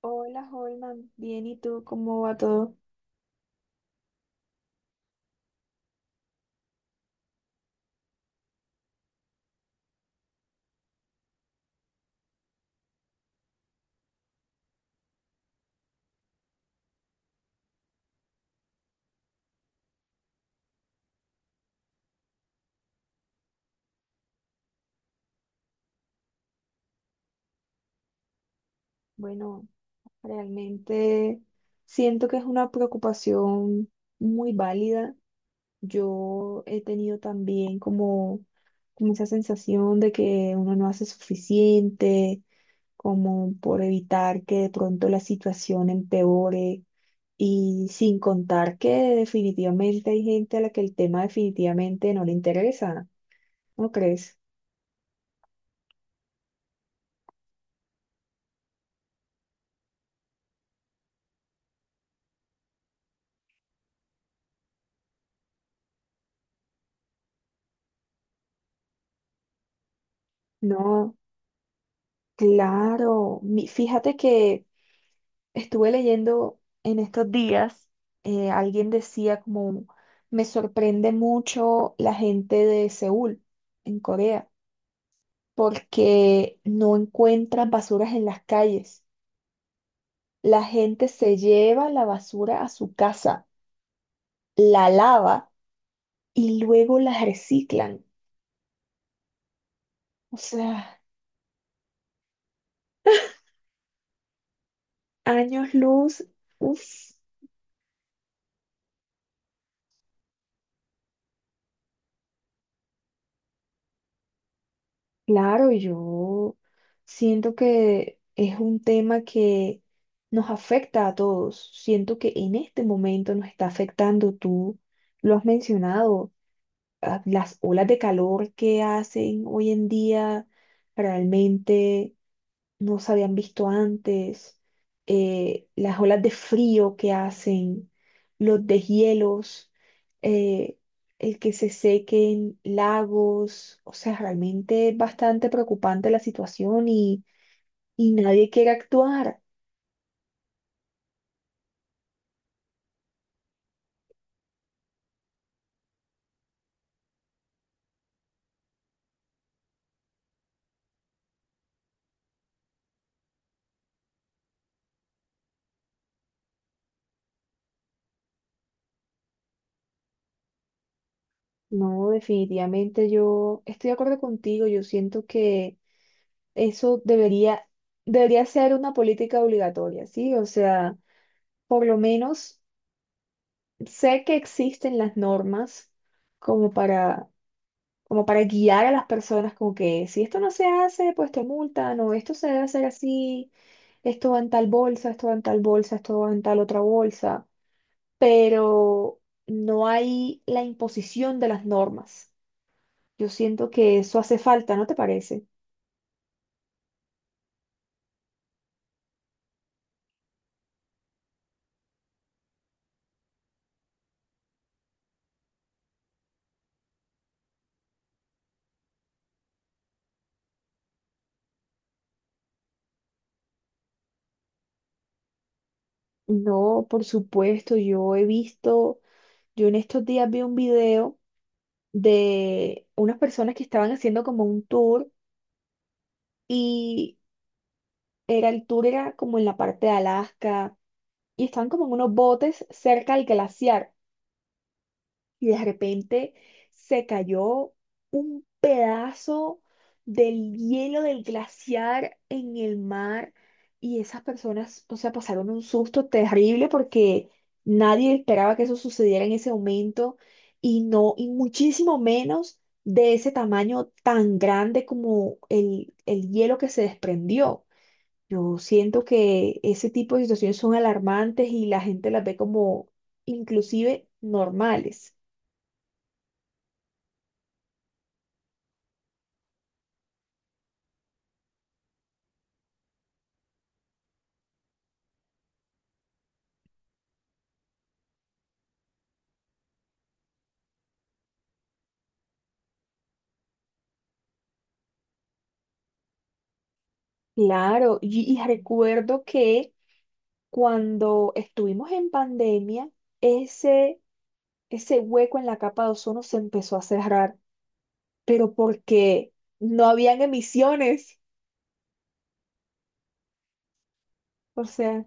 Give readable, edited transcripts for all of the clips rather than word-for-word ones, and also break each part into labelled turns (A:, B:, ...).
A: Hola, Holman. Bien, ¿y tú cómo va todo? Bueno, realmente siento que es una preocupación muy válida. Yo he tenido también como esa sensación de que uno no hace suficiente, como por evitar que de pronto la situación empeore. Y sin contar que definitivamente hay gente a la que el tema definitivamente no le interesa, ¿no crees? No. Claro, fíjate que estuve leyendo en estos días, alguien decía como, me sorprende mucho la gente de Seúl, en Corea, porque no encuentran basuras en las calles. La gente se lleva la basura a su casa, la lava y luego la reciclan. O sea, años luz, uff. Claro, yo siento que es un tema que nos afecta a todos. Siento que en este momento nos está afectando, tú lo has mencionado, ah, las olas de calor que hacen hoy en día realmente no se habían visto antes, las olas de frío que hacen, los deshielos, eh, el que se sequen lagos, o sea, realmente es bastante preocupante la situación y nadie quiere actuar. No, definitivamente yo estoy de acuerdo contigo, yo siento que eso debería, debería ser una política obligatoria, ¿sí? O sea, por lo menos sé que existen las normas como para, como para guiar a las personas, como que si esto no se hace, pues te multan, o esto se debe hacer así, esto va en tal bolsa, esto va en tal bolsa, esto va en tal otra bolsa, pero no hay la imposición de las normas. Yo siento que eso hace falta, ¿no te parece? No, por supuesto, yo he visto, yo en estos días vi un video de unas personas que estaban haciendo como un tour. Y Era el tour era como en la parte de Alaska y estaban como en unos botes cerca del glaciar y de repente se cayó un pedazo del hielo del glaciar en el mar y esas personas, o sea, pasaron un susto terrible porque nadie esperaba que eso sucediera en ese momento y no, y muchísimo menos de ese tamaño tan grande como el hielo que se desprendió. Yo siento que ese tipo de situaciones son alarmantes y la gente las ve como inclusive normales. Claro, y recuerdo que cuando estuvimos en pandemia, ese, ese hueco en la capa de ozono se empezó a cerrar, pero porque no habían emisiones. O sea,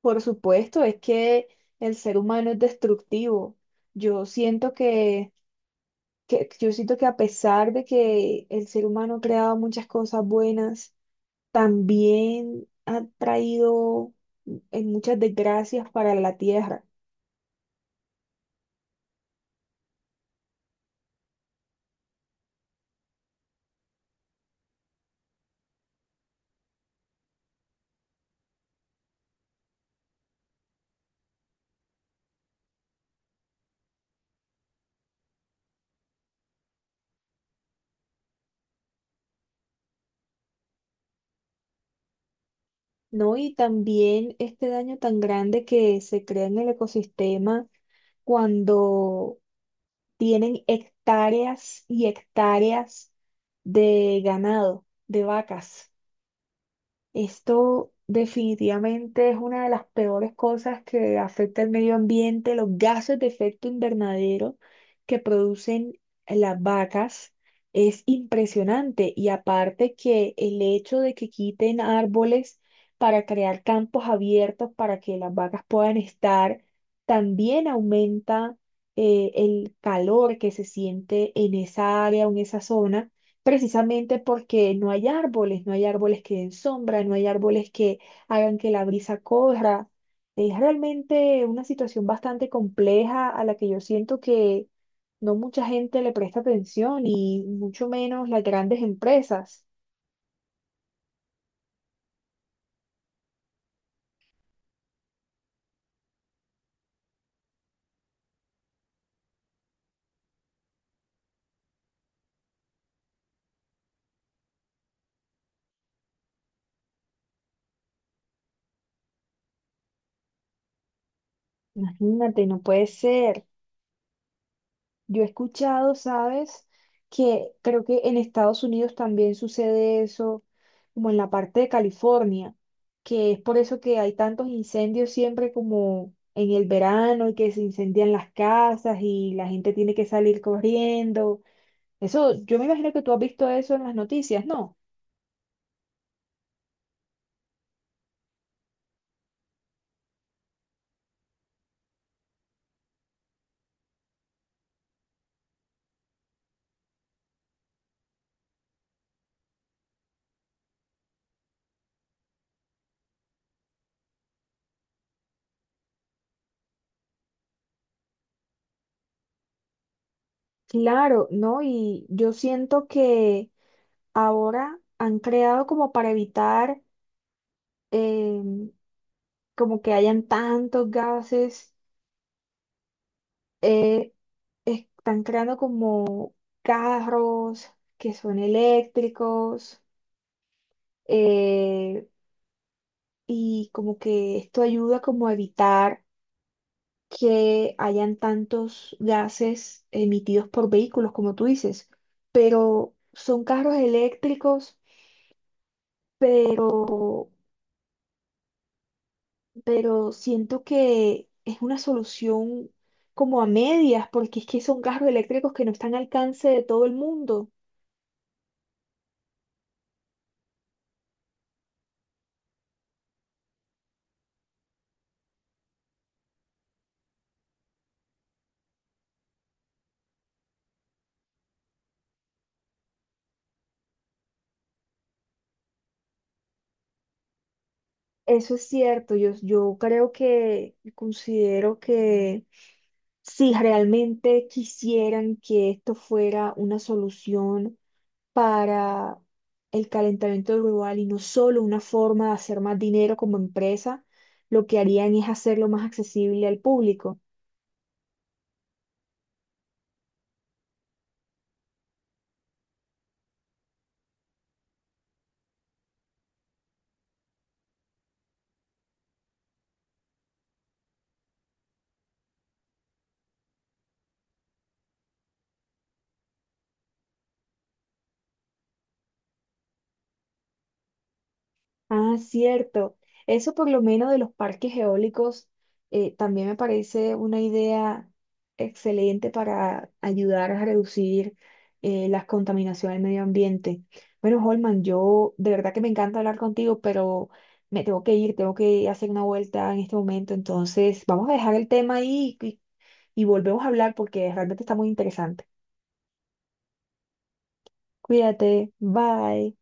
A: por supuesto, es que el ser humano es destructivo. Yo siento que Yo siento que a pesar de que el ser humano ha creado muchas cosas buenas, también ha traído en muchas desgracias para la tierra, ¿no? Y también este daño tan grande que se crea en el ecosistema cuando tienen hectáreas y hectáreas de ganado, de vacas. Esto definitivamente es una de las peores cosas que afecta al medio ambiente, los gases de efecto invernadero que producen las vacas. Es impresionante y aparte que el hecho de que quiten árboles para crear campos abiertos para que las vacas puedan estar, también aumenta el calor que se siente en esa área o en esa zona precisamente porque no hay árboles, no hay árboles que den sombra, no hay árboles que hagan que la brisa corra. Es realmente una situación bastante compleja a la que yo siento que no mucha gente le presta atención y mucho menos las grandes empresas. Imagínate, no puede ser. Yo he escuchado, ¿sabes? Que creo que en Estados Unidos también sucede eso, como en la parte de California, que es por eso que hay tantos incendios siempre como en el verano y que se incendian las casas y la gente tiene que salir corriendo. Eso, yo me imagino que tú has visto eso en las noticias, ¿no? Claro, ¿no? Y yo siento que ahora han creado como para evitar em, como que hayan tantos gases eh, están creando como carros que son eléctricos eh, y como que esto ayuda como a evitar que hayan tantos gases emitidos por vehículos, como tú dices, pero son carros eléctricos, pero, pero siento que es una solución como a medias, porque es que son carros eléctricos que no están al alcance de todo el mundo. Eso es cierto, yo creo que considero que si realmente quisieran que esto fuera una solución para el calentamiento global y no solo una forma de hacer más dinero como empresa, lo que harían es hacerlo más accesible al público. Ah, cierto. Eso por lo menos de los parques eólicos también me parece una idea excelente para ayudar a reducir las contaminaciones del medio ambiente. Bueno, Holman, yo de verdad que me encanta hablar contigo, pero me tengo que ir, tengo que hacer una vuelta en este momento. Entonces, vamos a dejar el tema ahí y volvemos a hablar porque realmente está muy interesante. Cuídate, bye.